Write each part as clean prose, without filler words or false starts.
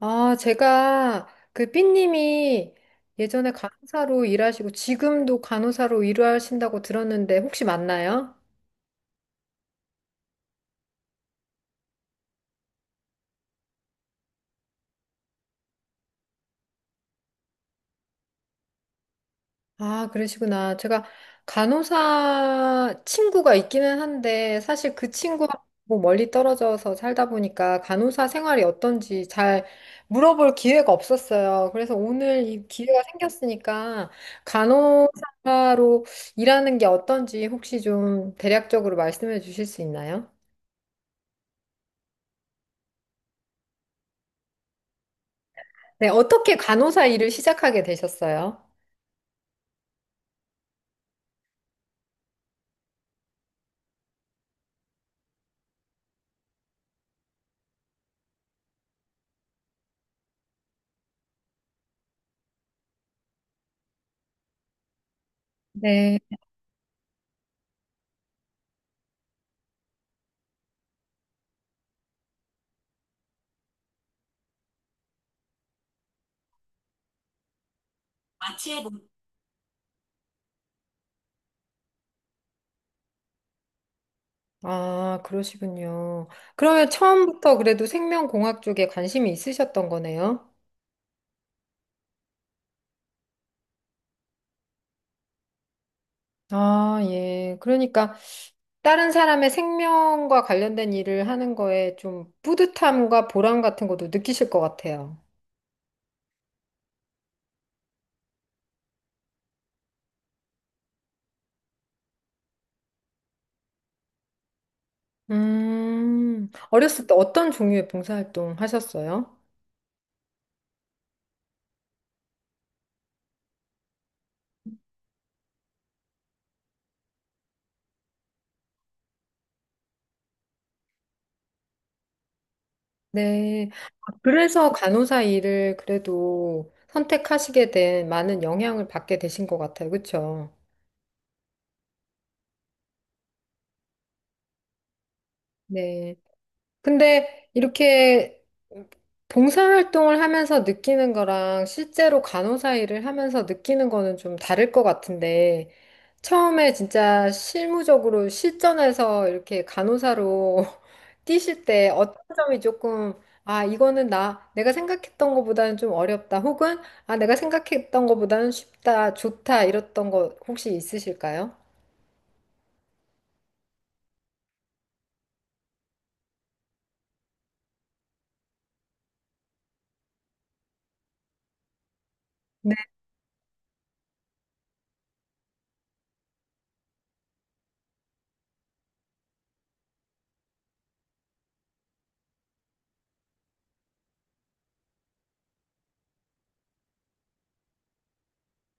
아, 제가 그 삐님이 예전에 간호사로 일하시고 지금도 간호사로 일하신다고 들었는데 혹시 맞나요? 아, 그러시구나. 제가 간호사 친구가 있기는 한데 사실 그 친구하고 멀리 떨어져서 살다 보니까 간호사 생활이 어떤지 잘 물어볼 기회가 없었어요. 그래서 오늘 이 기회가 생겼으니까 간호사로 일하는 게 어떤지 혹시 좀 대략적으로 말씀해 주실 수 있나요? 네, 어떻게 간호사 일을 시작하게 되셨어요? 네. 아, 그러시군요. 그러면 처음부터 그래도 생명공학 쪽에 관심이 있으셨던 거네요? 아, 예. 그러니까 다른 사람의 생명과 관련된 일을 하는 거에 좀 뿌듯함과 보람 같은 것도 느끼실 것 같아요. 어렸을 때 어떤 종류의 봉사활동 하셨어요? 네. 아, 그래서 간호사 일을 그래도 선택하시게 된 많은 영향을 받게 되신 것 같아요. 그렇죠? 네. 근데 이렇게 봉사활동을 하면서 느끼는 거랑 실제로 간호사 일을 하면서 느끼는 거는 좀 다를 것 같은데, 처음에 진짜 실무적으로 실전에서 이렇게 간호사로 뛰실 때 어떤 점이 조금, 아, 이거는 내가 생각했던 것보다는 좀 어렵다, 혹은, 아, 내가 생각했던 것보다는 쉽다, 좋다, 이랬던 거 혹시 있으실까요? 네,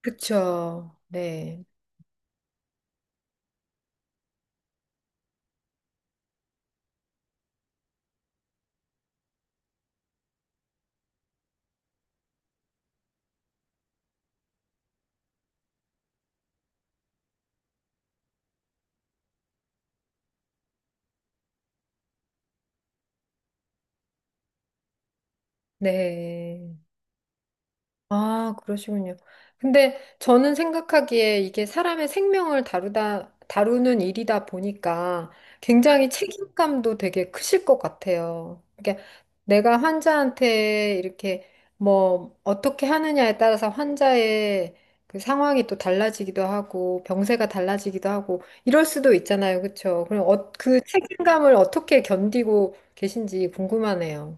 그쵸. 네, 네. 아, 그러시군요. 근데 저는 생각하기에 이게 사람의 생명을 다루는 일이다 보니까 굉장히 책임감도 되게 크실 것 같아요. 그러니까 내가 환자한테 이렇게 뭐 어떻게 하느냐에 따라서 환자의 그 상황이 또 달라지기도 하고 병세가 달라지기도 하고 이럴 수도 있잖아요. 그렇죠? 그럼 그 책임감을 어떻게 견디고 계신지 궁금하네요.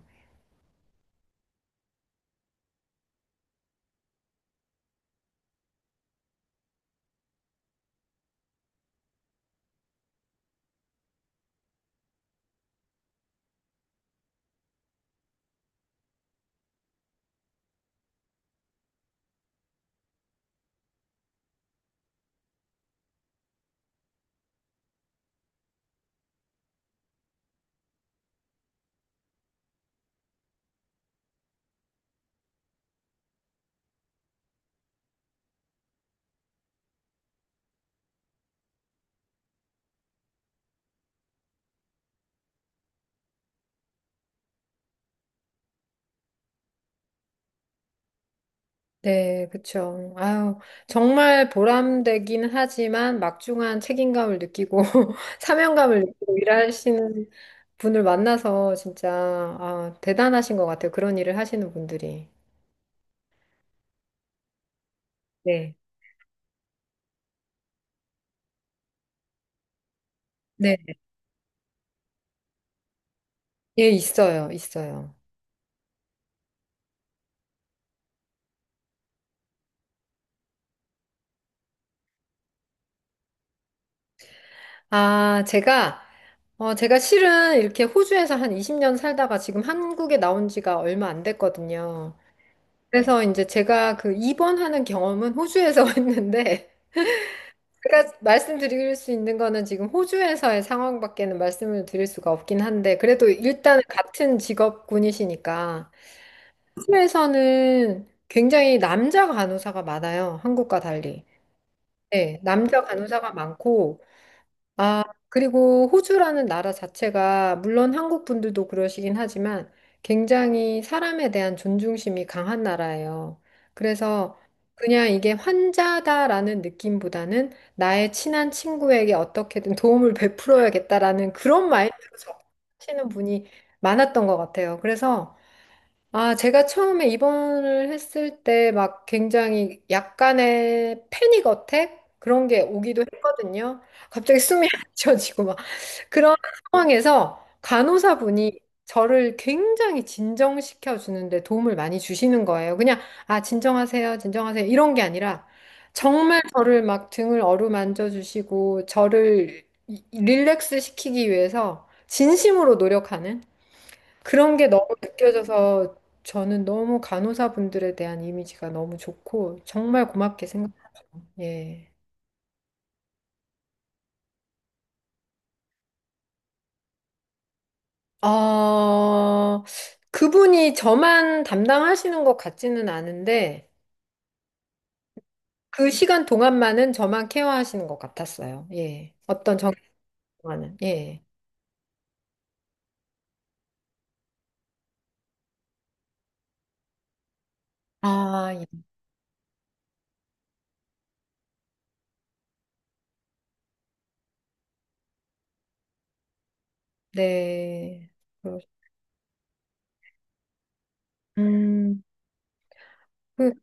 네, 그쵸. 아유, 정말 보람되긴 하지만 막중한 책임감을 느끼고 사명감을 느끼고 일하시는 분을 만나서 진짜 아, 대단하신 것 같아요. 그런 일을 하시는 분들이. 네. 네. 예, 있어요. 있어요. 아, 제가 실은 이렇게 호주에서 한 20년 살다가 지금 한국에 나온 지가 얼마 안 됐거든요. 그래서 이제 제가 그 입원하는 경험은 호주에서 했는데 그러니까 말씀드릴 수 있는 거는 지금 호주에서의 상황밖에는 말씀을 드릴 수가 없긴 한데, 그래도 일단은 같은 직업군이시니까. 호주에서는 굉장히 남자 간호사가 많아요. 한국과 달리. 네, 남자 간호사가 많고, 아, 그리고 호주라는 나라 자체가 물론 한국 분들도 그러시긴 하지만 굉장히 사람에 대한 존중심이 강한 나라예요. 그래서 그냥 이게 환자다라는 느낌보다는 나의 친한 친구에게 어떻게든 도움을 베풀어야겠다라는 그런 마인드로 접하시는 분이 많았던 것 같아요. 그래서 아, 제가 처음에 입원을 했을 때 막 굉장히 약간의 패닉 어택? 그런 게 오기도 했거든요. 갑자기 숨이 안 쉬어지고 막. 그런 상황에서 간호사분이 저를 굉장히 진정시켜 주는데 도움을 많이 주시는 거예요. 그냥, 아, 진정하세요, 진정하세요. 이런 게 아니라 정말 저를 막 등을 어루만져 주시고 저를 릴렉스 시키기 위해서 진심으로 노력하는 그런 게 너무 느껴져서 저는 너무 간호사분들에 대한 이미지가 너무 좋고 정말 고맙게 생각. 예. 어, 그분이 저만 담당하시는 것 같지는 않은데 그 시간 동안만은 저만 케어하시는 것 같았어요. 예. 어떤 정기만은. 예. 아, 예. 네. 그러- 음. 그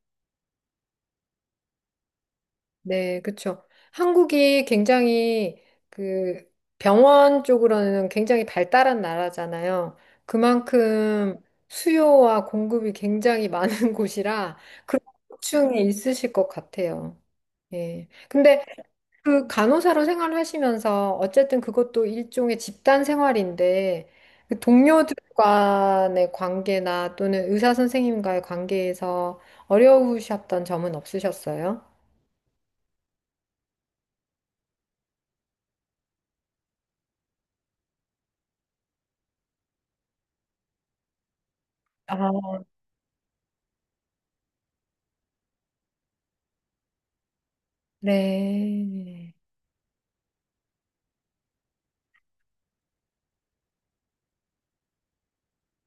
네, 그렇죠. 한국이 굉장히 그 병원 쪽으로는 굉장히 발달한 나라잖아요. 그만큼 수요와 공급이 굉장히 많은 곳이라 그런 고충이 있으실 것 같아요. 예. 근데 그 간호사로 생활하시면서 어쨌든 그것도 일종의 집단 생활인데 그 동료들 간의 관계나 또는 의사 선생님과의 관계에서 어려우셨던 점은 없으셨어요? 아. 네.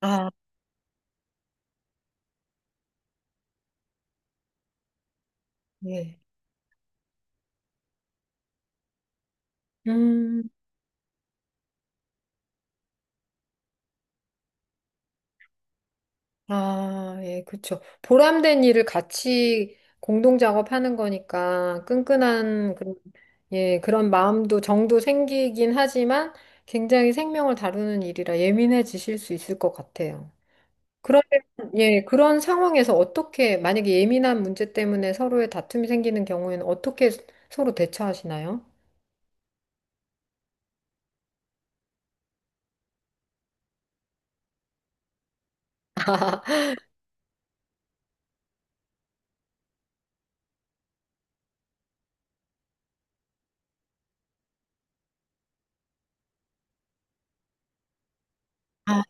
아, 예. 음, 아, 예, 그쵸. 보람된 일을 같이 공동 작업하는 거니까 끈끈한 그런, 예, 그런 마음도 정도 생기긴 하지만 굉장히 생명을 다루는 일이라 예민해지실 수 있을 것 같아요. 그러면, 예, 그런 상황에서 어떻게, 만약에 예민한 문제 때문에 서로의 다툼이 생기는 경우에는 어떻게 서로 대처하시나요? 아,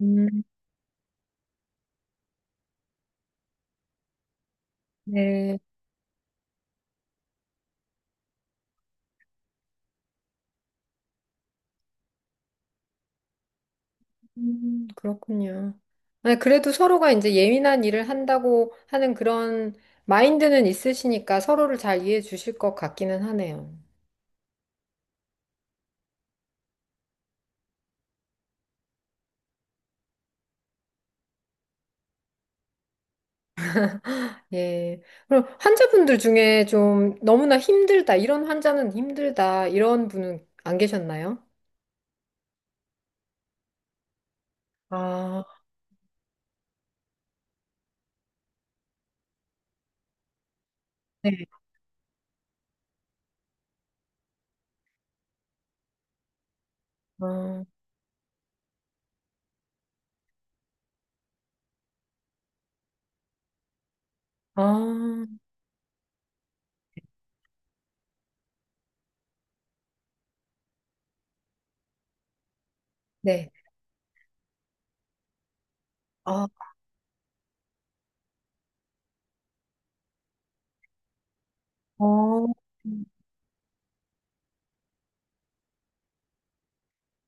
음, 네. 그렇군요. 아니, 그래도 서로가 이제 예민한 일을 한다고 하는 그런 마인드는 있으시니까 서로를 잘 이해해 주실 것 같기는 하네요. 예. 그럼 환자분들 중에 좀 너무나 힘들다, 이런 환자는 힘들다, 이런 분은 안 계셨나요? 아, 네. 아, 아, 네. 아, 어.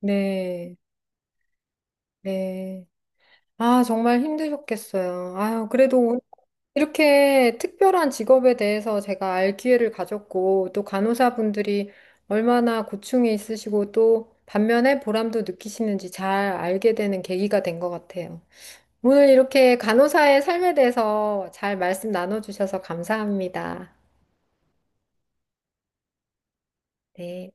네. 네. 아, 정말 힘드셨겠어요. 아유, 그래도 이렇게 특별한 직업에 대해서 제가 알 기회를 가졌고, 또 간호사분들이 얼마나 고충이 있으시고, 또 반면에 보람도 느끼시는지 잘 알게 되는 계기가 된 것 같아요. 오늘 이렇게 간호사의 삶에 대해서 잘 말씀 나눠주셔서 감사합니다. 네.